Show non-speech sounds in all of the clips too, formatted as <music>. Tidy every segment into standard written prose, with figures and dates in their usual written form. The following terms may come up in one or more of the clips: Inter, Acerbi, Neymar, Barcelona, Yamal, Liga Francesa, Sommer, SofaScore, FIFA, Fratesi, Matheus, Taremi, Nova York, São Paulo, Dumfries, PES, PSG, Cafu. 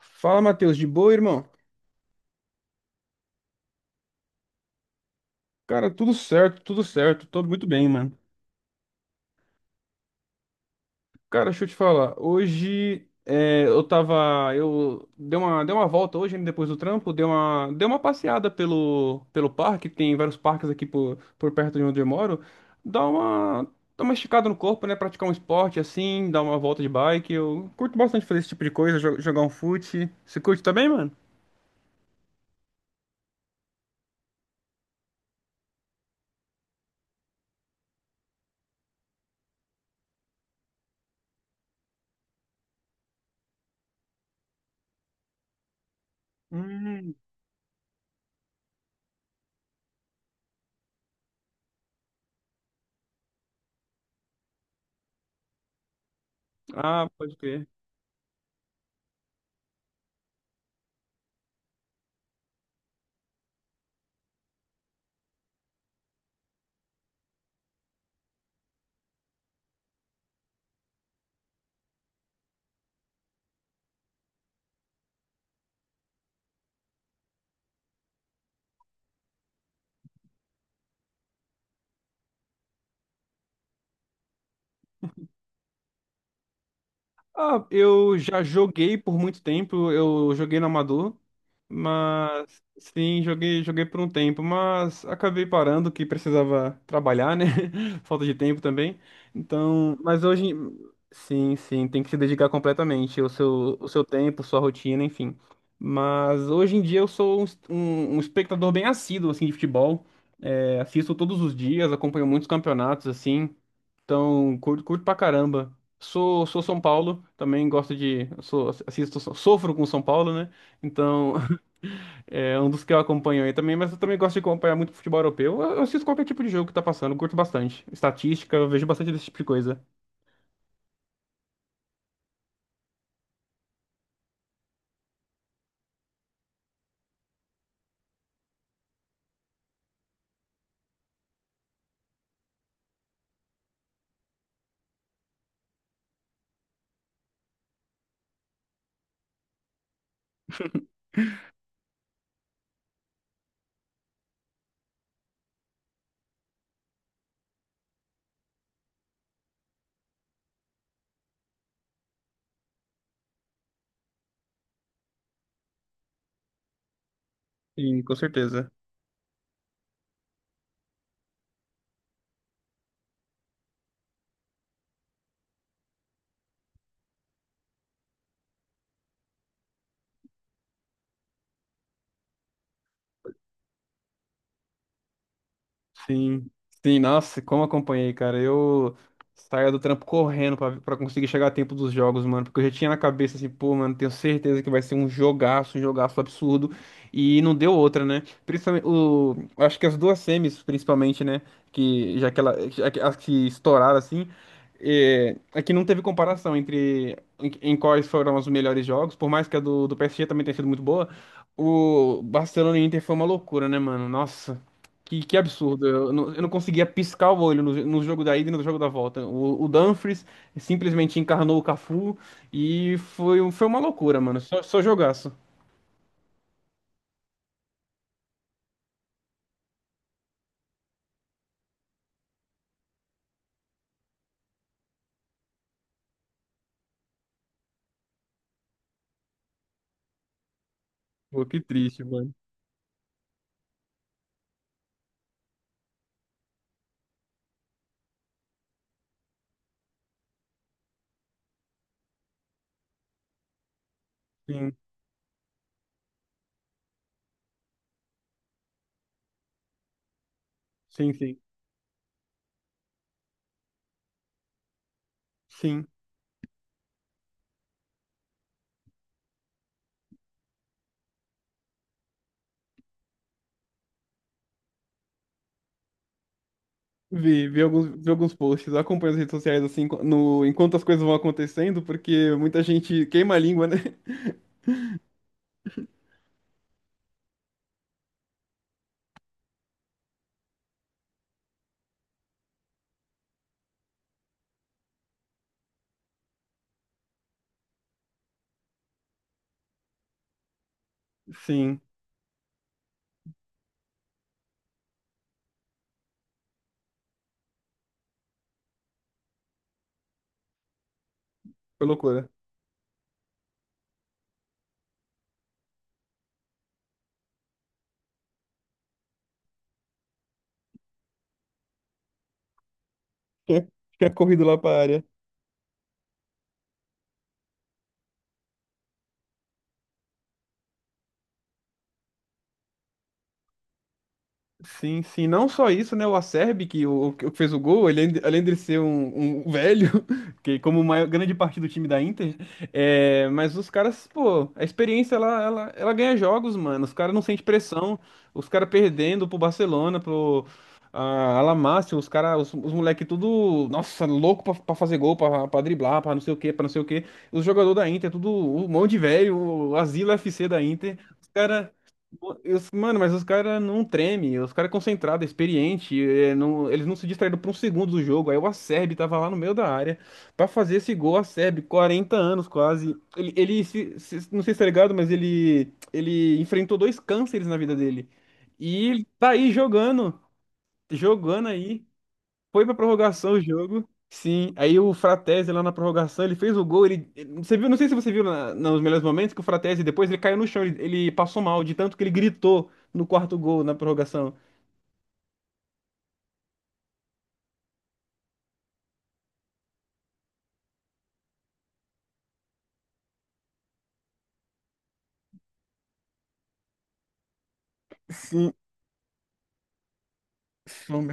Fala, Matheus, de boa, irmão? Cara, tudo certo, tô muito bem, mano. Cara, deixa eu te falar, hoje é, eu tava, eu dei uma volta hoje, né, depois do trampo, dei uma passeada pelo parque, tem vários parques aqui por perto de onde eu moro, dá uma, dá uma esticada no corpo, né, praticar um esporte assim, dar uma volta de bike, eu curto bastante fazer esse tipo de coisa, jogar um fute. Você curte também, mano? Hum. Ah, pode crer. Ah, eu já joguei por muito tempo, eu joguei no amador, mas sim, joguei por um tempo, mas acabei parando que precisava trabalhar, né? <laughs> Falta de tempo também. Então, mas hoje, sim, sim, tem que se dedicar completamente, o seu tempo, sua rotina, enfim. Mas hoje em dia eu sou um espectador bem assíduo, assim, de futebol. É, assisto todos os dias, acompanho muitos campeonatos, assim. Então, curto pra caramba. Sou São Paulo, também gosto de. Sou, assisto, sofro com São Paulo, né? Então, <laughs> é um dos que eu acompanho aí também, mas eu também gosto de acompanhar muito futebol europeu. Eu assisto qualquer tipo de jogo que tá passando, curto bastante. Estatística, eu vejo bastante desse tipo de coisa. E com certeza. Sim, sim, nossa, como acompanhei, cara. Eu saía do trampo correndo pra conseguir chegar a tempo dos jogos, mano. Porque eu já tinha na cabeça assim, pô, mano, tenho certeza que vai ser um jogaço absurdo. E não deu outra, né? Principalmente, o, acho que as duas semis, principalmente, né? Que já que, ela, já que, as que estouraram assim. É, é que não teve comparação entre em quais foram os melhores jogos, por mais que a do PSG também tenha sido muito boa. O Barcelona e Inter foi uma loucura, né, mano? Nossa. Que absurdo. Eu não conseguia piscar o olho no jogo da ida e no jogo da volta. O Dumfries simplesmente encarnou o Cafu e foi uma loucura, mano. Só jogaço. Pô, que triste, mano. Sim, sim, sim. Sim. Vi alguns posts. Eu acompanho as redes sociais assim no, enquanto as coisas vão acontecendo, porque muita gente queima a língua, né? Sim, foi loucura. <laughs> Tinha Tinha corrido lá pra área. Sim, sim, não só isso, né? O Acerbi, que, o, que fez o gol, ele, além de ser um velho, <laughs> que como maior, grande parte do time da Inter, é, mas os caras, pô, a experiência ela ganha jogos, mano. Os caras não sentem pressão, os caras perdendo pro Barcelona, Alamácio, os caras, os moleque tudo, nossa, louco pra fazer gol, pra driblar, pra não sei o quê, pra não sei o quê. Os jogadores da Inter, tudo um monte de velho, o Asilo FC da Inter. Os caras. Mano, mas os caras não tremem, os caras é concentrado, é experiente, eles não se distraíram por um segundo do jogo. Aí o Acerbi tava lá no meio da área pra fazer esse gol, Acerbi, 40 anos quase. Ele se- se- Não sei se tá ligado, mas ele enfrentou dois cânceres na vida dele. E ele tá aí jogando, jogando aí. Foi pra prorrogação o jogo. Sim, aí o Fratesi lá na prorrogação, ele fez o gol, você viu, não sei se você viu nos melhores momentos que o Fratesi depois ele caiu no chão, ele passou mal de tanto que ele gritou no quarto gol na prorrogação. Sim, sim.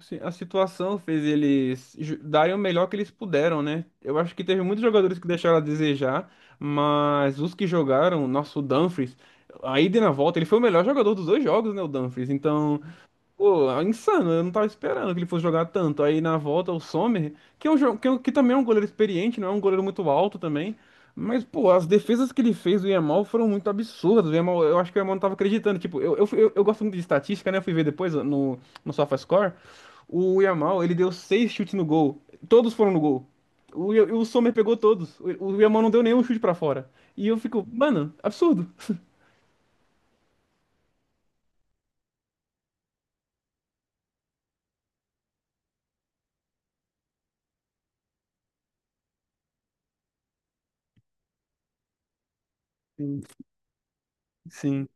Sim, a situação fez darem o melhor que eles puderam, né? Eu acho que teve muitos jogadores que deixaram a desejar, mas os que jogaram, nosso Dumfries, aí de na volta, ele foi o melhor jogador dos dois jogos, né, o Dumfries. Então, pô, é insano, eu não tava esperando que ele fosse jogar tanto. Aí na volta o Sommer, que também é um goleiro experiente, não é um goleiro muito alto também. Mas, pô, as defesas que ele fez do Yamal foram muito absurdas. O Yamal, eu acho que o Yamal não tava acreditando. Tipo, eu gosto muito de estatística, né? Eu fui ver depois no SofaScore. O Yamal, ele deu seis chutes no gol. Todos foram no gol. O, o Sommer pegou todos. O Yamal não deu nenhum chute pra fora. E eu fico, mano, absurdo. Sim, sim,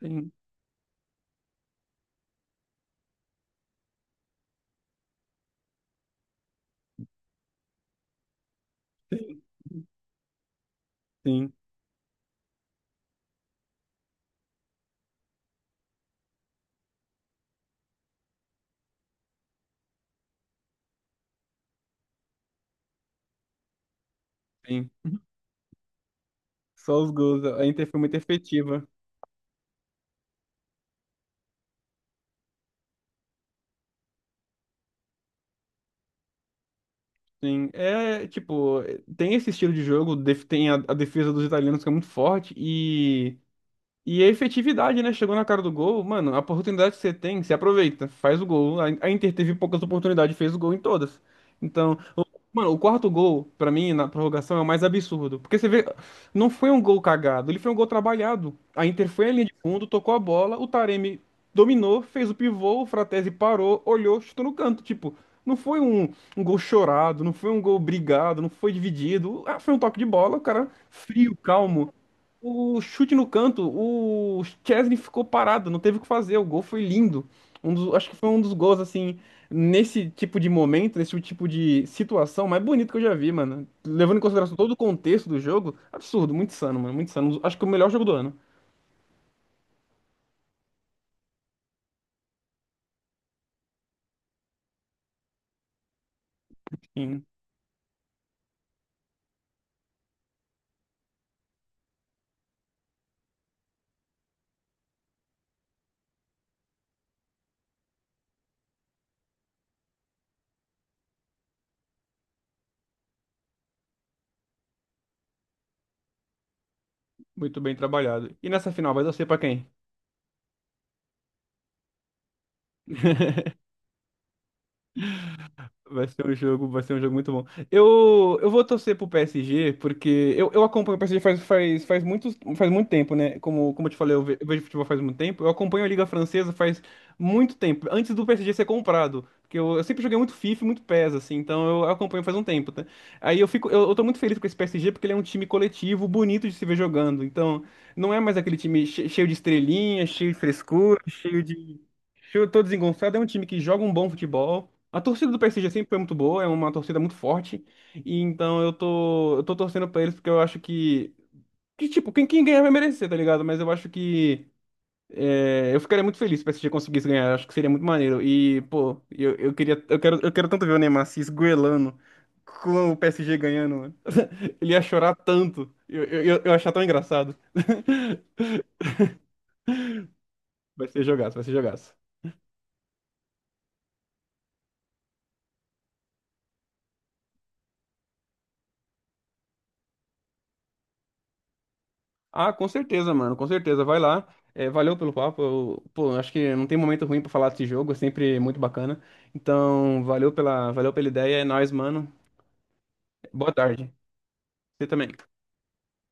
sim, sim. Sim. Só os gols. A Inter foi muito efetiva. Sim. É, tipo, tem esse estilo de jogo, tem a defesa dos italianos que é muito forte. E a efetividade, né? Chegou na cara do gol, mano, a oportunidade que você tem, você aproveita, faz o gol. A Inter teve poucas oportunidades, fez o gol em todas. Então, mano, o quarto gol, pra mim, na prorrogação, é o mais absurdo. Porque você vê, não foi um gol cagado, ele foi um gol trabalhado. A Inter foi à linha de fundo, tocou a bola, o Taremi dominou, fez o pivô, o Fratesi parou, olhou, chutou no canto. Tipo, não foi um gol chorado, não foi um gol brigado, não foi dividido. Ah, foi um toque de bola, o cara frio, calmo. O chute no canto, o Chesney ficou parado, não teve o que fazer. O gol foi lindo. Um dos, acho que foi um dos gols, assim, nesse tipo de momento, nesse tipo de situação mais bonito que eu já vi, mano. Levando em consideração todo o contexto do jogo, absurdo, muito insano, mano, muito insano. Acho que o melhor jogo do ano. Sim, muito bem trabalhado. E nessa final vai torcer pra quem? Vai ser um jogo, vai ser um jogo muito bom. Eu vou torcer pro PSG, porque eu acompanho o PSG faz muito tempo, né? Como eu te falei, eu vejo futebol faz muito tempo. Eu acompanho a Liga Francesa faz muito tempo, antes do PSG ser comprado. Porque eu sempre joguei muito FIFA, e muito PES, assim, então eu acompanho faz um tempo, tá? Aí eu fico, eu tô muito feliz com esse PSG, porque ele é um time coletivo, bonito de se ver jogando. Então, não é mais aquele time cheio de estrelinha, cheio de frescura, cheio de. Cheio, todo desengonçado, é um time que joga um bom futebol. A torcida do PSG sempre foi muito boa, é uma torcida muito forte. E então eu tô, torcendo pra eles porque eu acho que tipo, quem ganhar vai merecer, tá ligado? Mas eu acho que eu ficaria muito feliz se o PSG conseguisse ganhar, eu acho que seria muito maneiro. E, pô, eu quero tanto ver o Neymar se esgoelando com o PSG ganhando, mano. Ele ia chorar tanto. Eu ia achar tão engraçado. <laughs> Vai ser jogaço, vai ser jogaço. Ah, com certeza, mano, com certeza. Vai lá. É, valeu pelo papo. Eu, pô, acho que não tem momento ruim pra falar desse jogo, é sempre muito bacana. Então, valeu pela ideia. É nóis, mano. Boa tarde. Você também.